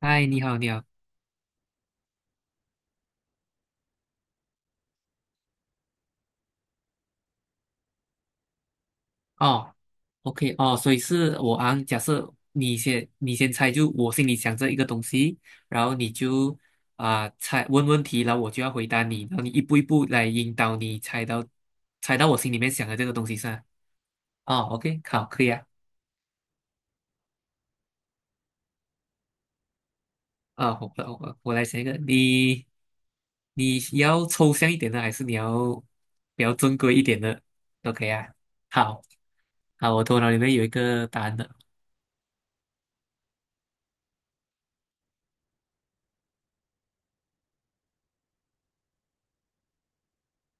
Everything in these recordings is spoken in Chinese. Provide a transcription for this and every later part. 嗨，你好，你好。哦，OK，哦，所以是我啊。假设你先猜，就我心里想着一个东西，然后你就猜问问题，然后我就要回答你，然后你一步一步来引导你猜到我心里面想的这个东西上。哦，OK，好，可以啊。我来想一个，你要抽象一点的，还是你要比较正规一点的？都可以啊。好，好，我头脑里面有一个答案的。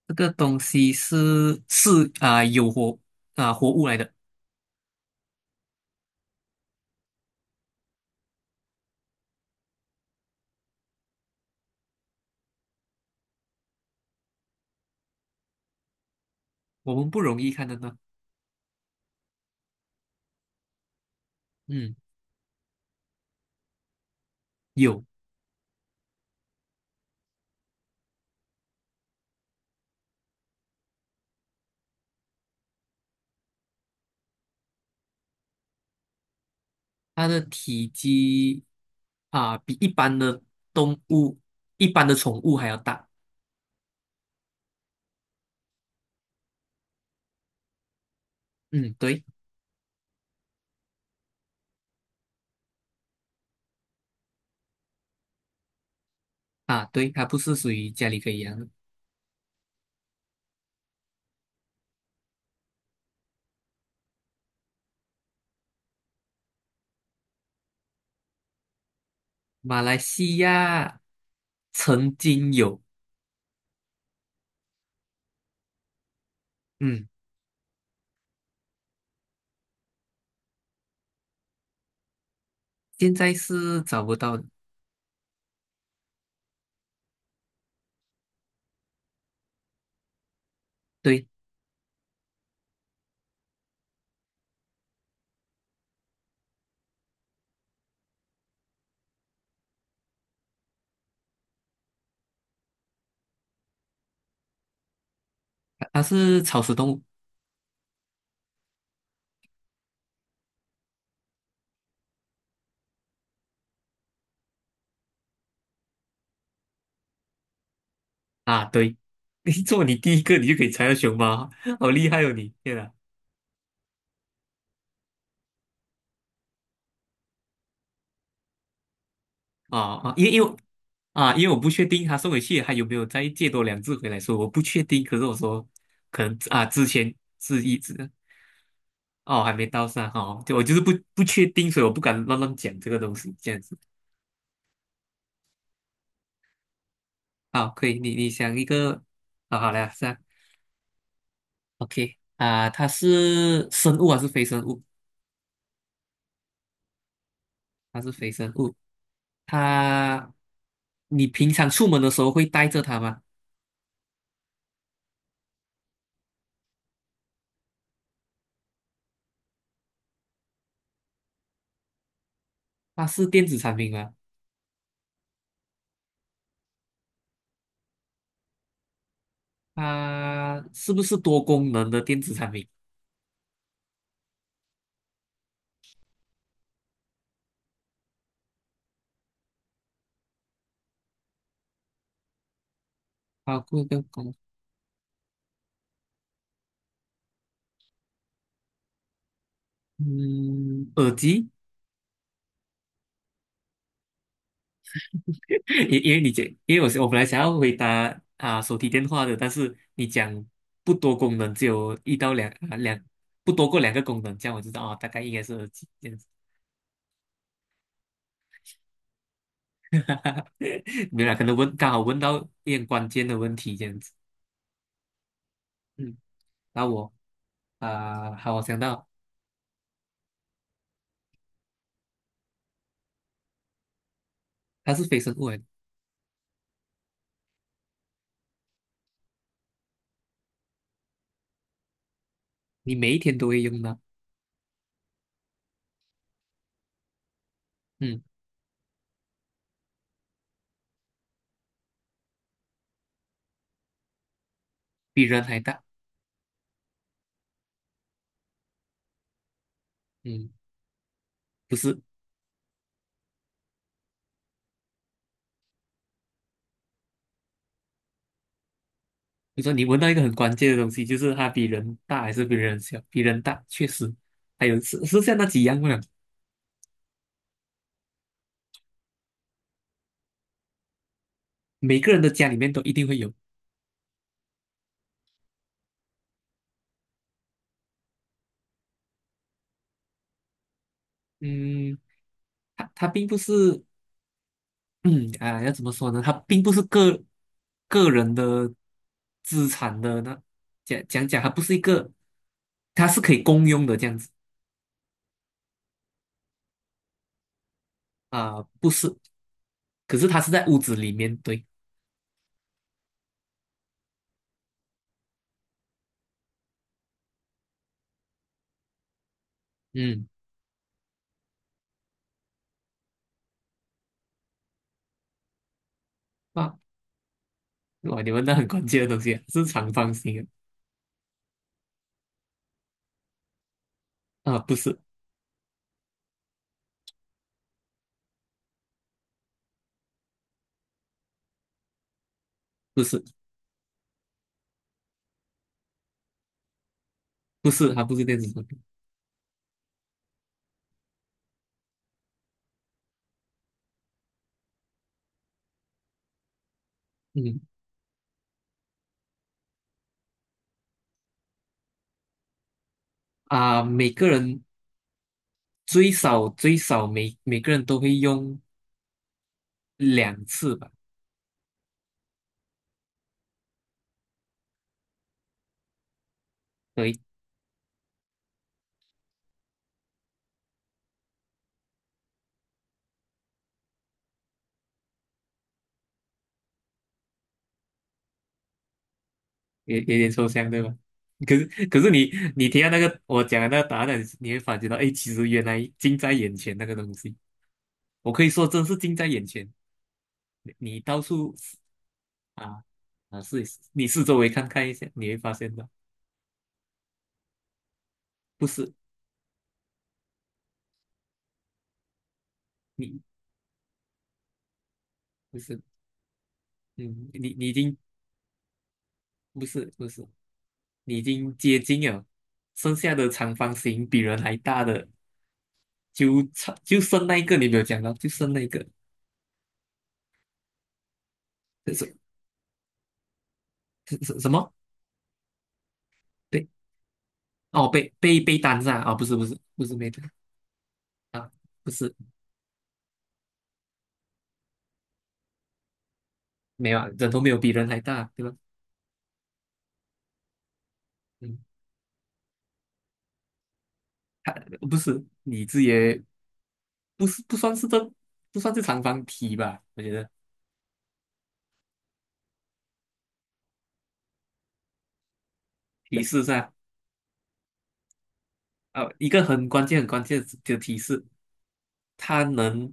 这个东西是是啊、有活啊、活物来的，我们不容易看得到。嗯，有。它的体积比一般的动物、一般的宠物还要大。嗯，对啊，对，它不是属于家里可以养的。马来西亚曾经有，嗯，现在是找不到的。对，它是草食动物啊。对，你第一个，你就可以猜到熊猫，好厉害哦你！天哪！啊啊，因为因为因为我不确定他送回去还有没有再借多两只回来，所以我不确定。可是我说，可能啊，之前是一只哦，还没到上哦，就我就是不确定，所以我不敢乱乱讲这个东西。这样子。好，可以，你想一个。啊，好了，是啊，OK 啊，它是生物还是非生物？它是非生物。它你平常出门的时候会带着它吗？它是电子产品吗？它是不是多功能的电子产品？花贵个功，嗯，耳机。因为你讲，因为我本来想要回答手提电话的，但是你讲不多功能，只有一到两，不多过两个功能，这样我知道大概应该是耳机这样子。哈哈没有啦，可能问刚好问到一点关键的问题这样子。嗯，然后好，我想到。它是非生物来的。你每一天都会用到。嗯，比人还大。嗯，不是。你说你闻到一个很关键的东西，就是它比人大还是比人小？比人大，确实。还有是像那几样嘛，每个人的家里面都一定会有。嗯，它并不是。要怎么说呢？它并不是个个人的资产的那讲讲讲，它不是一个，它是可以公用的这样子。啊，不是。可是它是在屋子里面。对。嗯，哇哇，你们到很关键的东西啊，是长方形。啊，啊，不是不是不是，它不是电子产品。嗯。每个人最少最少每个人都会用两次吧。所以也有点抽象，对吧？可是你听到那个我讲的那个答案，你会发觉到，哎，其实原来近在眼前那个东西，我可以说真是近在眼前。你到处啊试一试，你四周围看看一下，你会发现到。不是，你不是。嗯，你已经，不是不是，你已经接近了，剩下的长方形比人还大的。就剩那一个你没有讲到，就剩那一个，什什这是什么？被哦被被被单是吧？不是不是不是没单。啊，不是。没有啊，人头没有比人还大，对吧？嗯，不是，你这也不是，不算是，这不算是长方体吧？我觉得提示是啊。啊，一个很关键很关键的提示，它能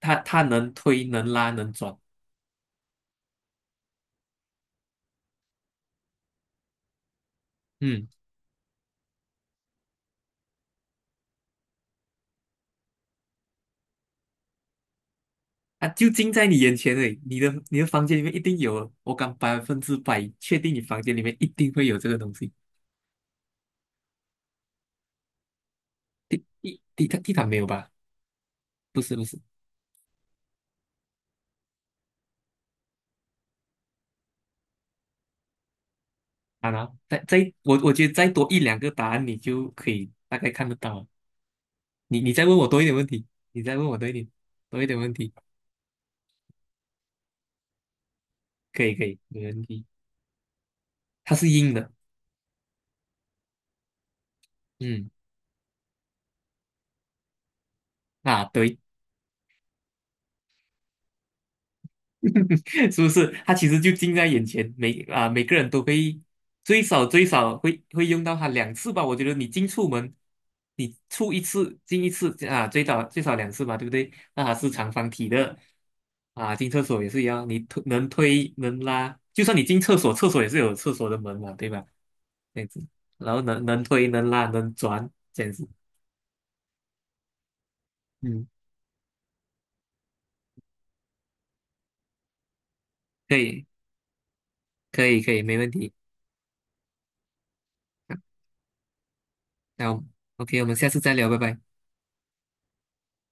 它能推能拉能转。嗯。啊，就近在你眼前而已，你的房间里面一定有，我敢百分之百确定你房间里面一定会有这个东西。地毯没有吧？不是不是。啊，然后再我觉得再多一两个答案，你就可以大概看得到了。你再问我多一点问题，你再问我多一点问题。可以可以，没问题。它是硬的。嗯。啊，对。是不是？它其实就近在眼前，每个人都会最少最少会用到它两次吧。我觉得你进出门，你出一次进一次啊，最少最少两次吧，对不对？那它是长方体的。啊，进厕所也是一样，能推能拉，就算你进厕所，厕所也是有厕所的门嘛，对吧？这样子。然后能推能拉能转，这样子。嗯，可以可以可以，没问题。那我 OK,我们下次再聊，拜拜。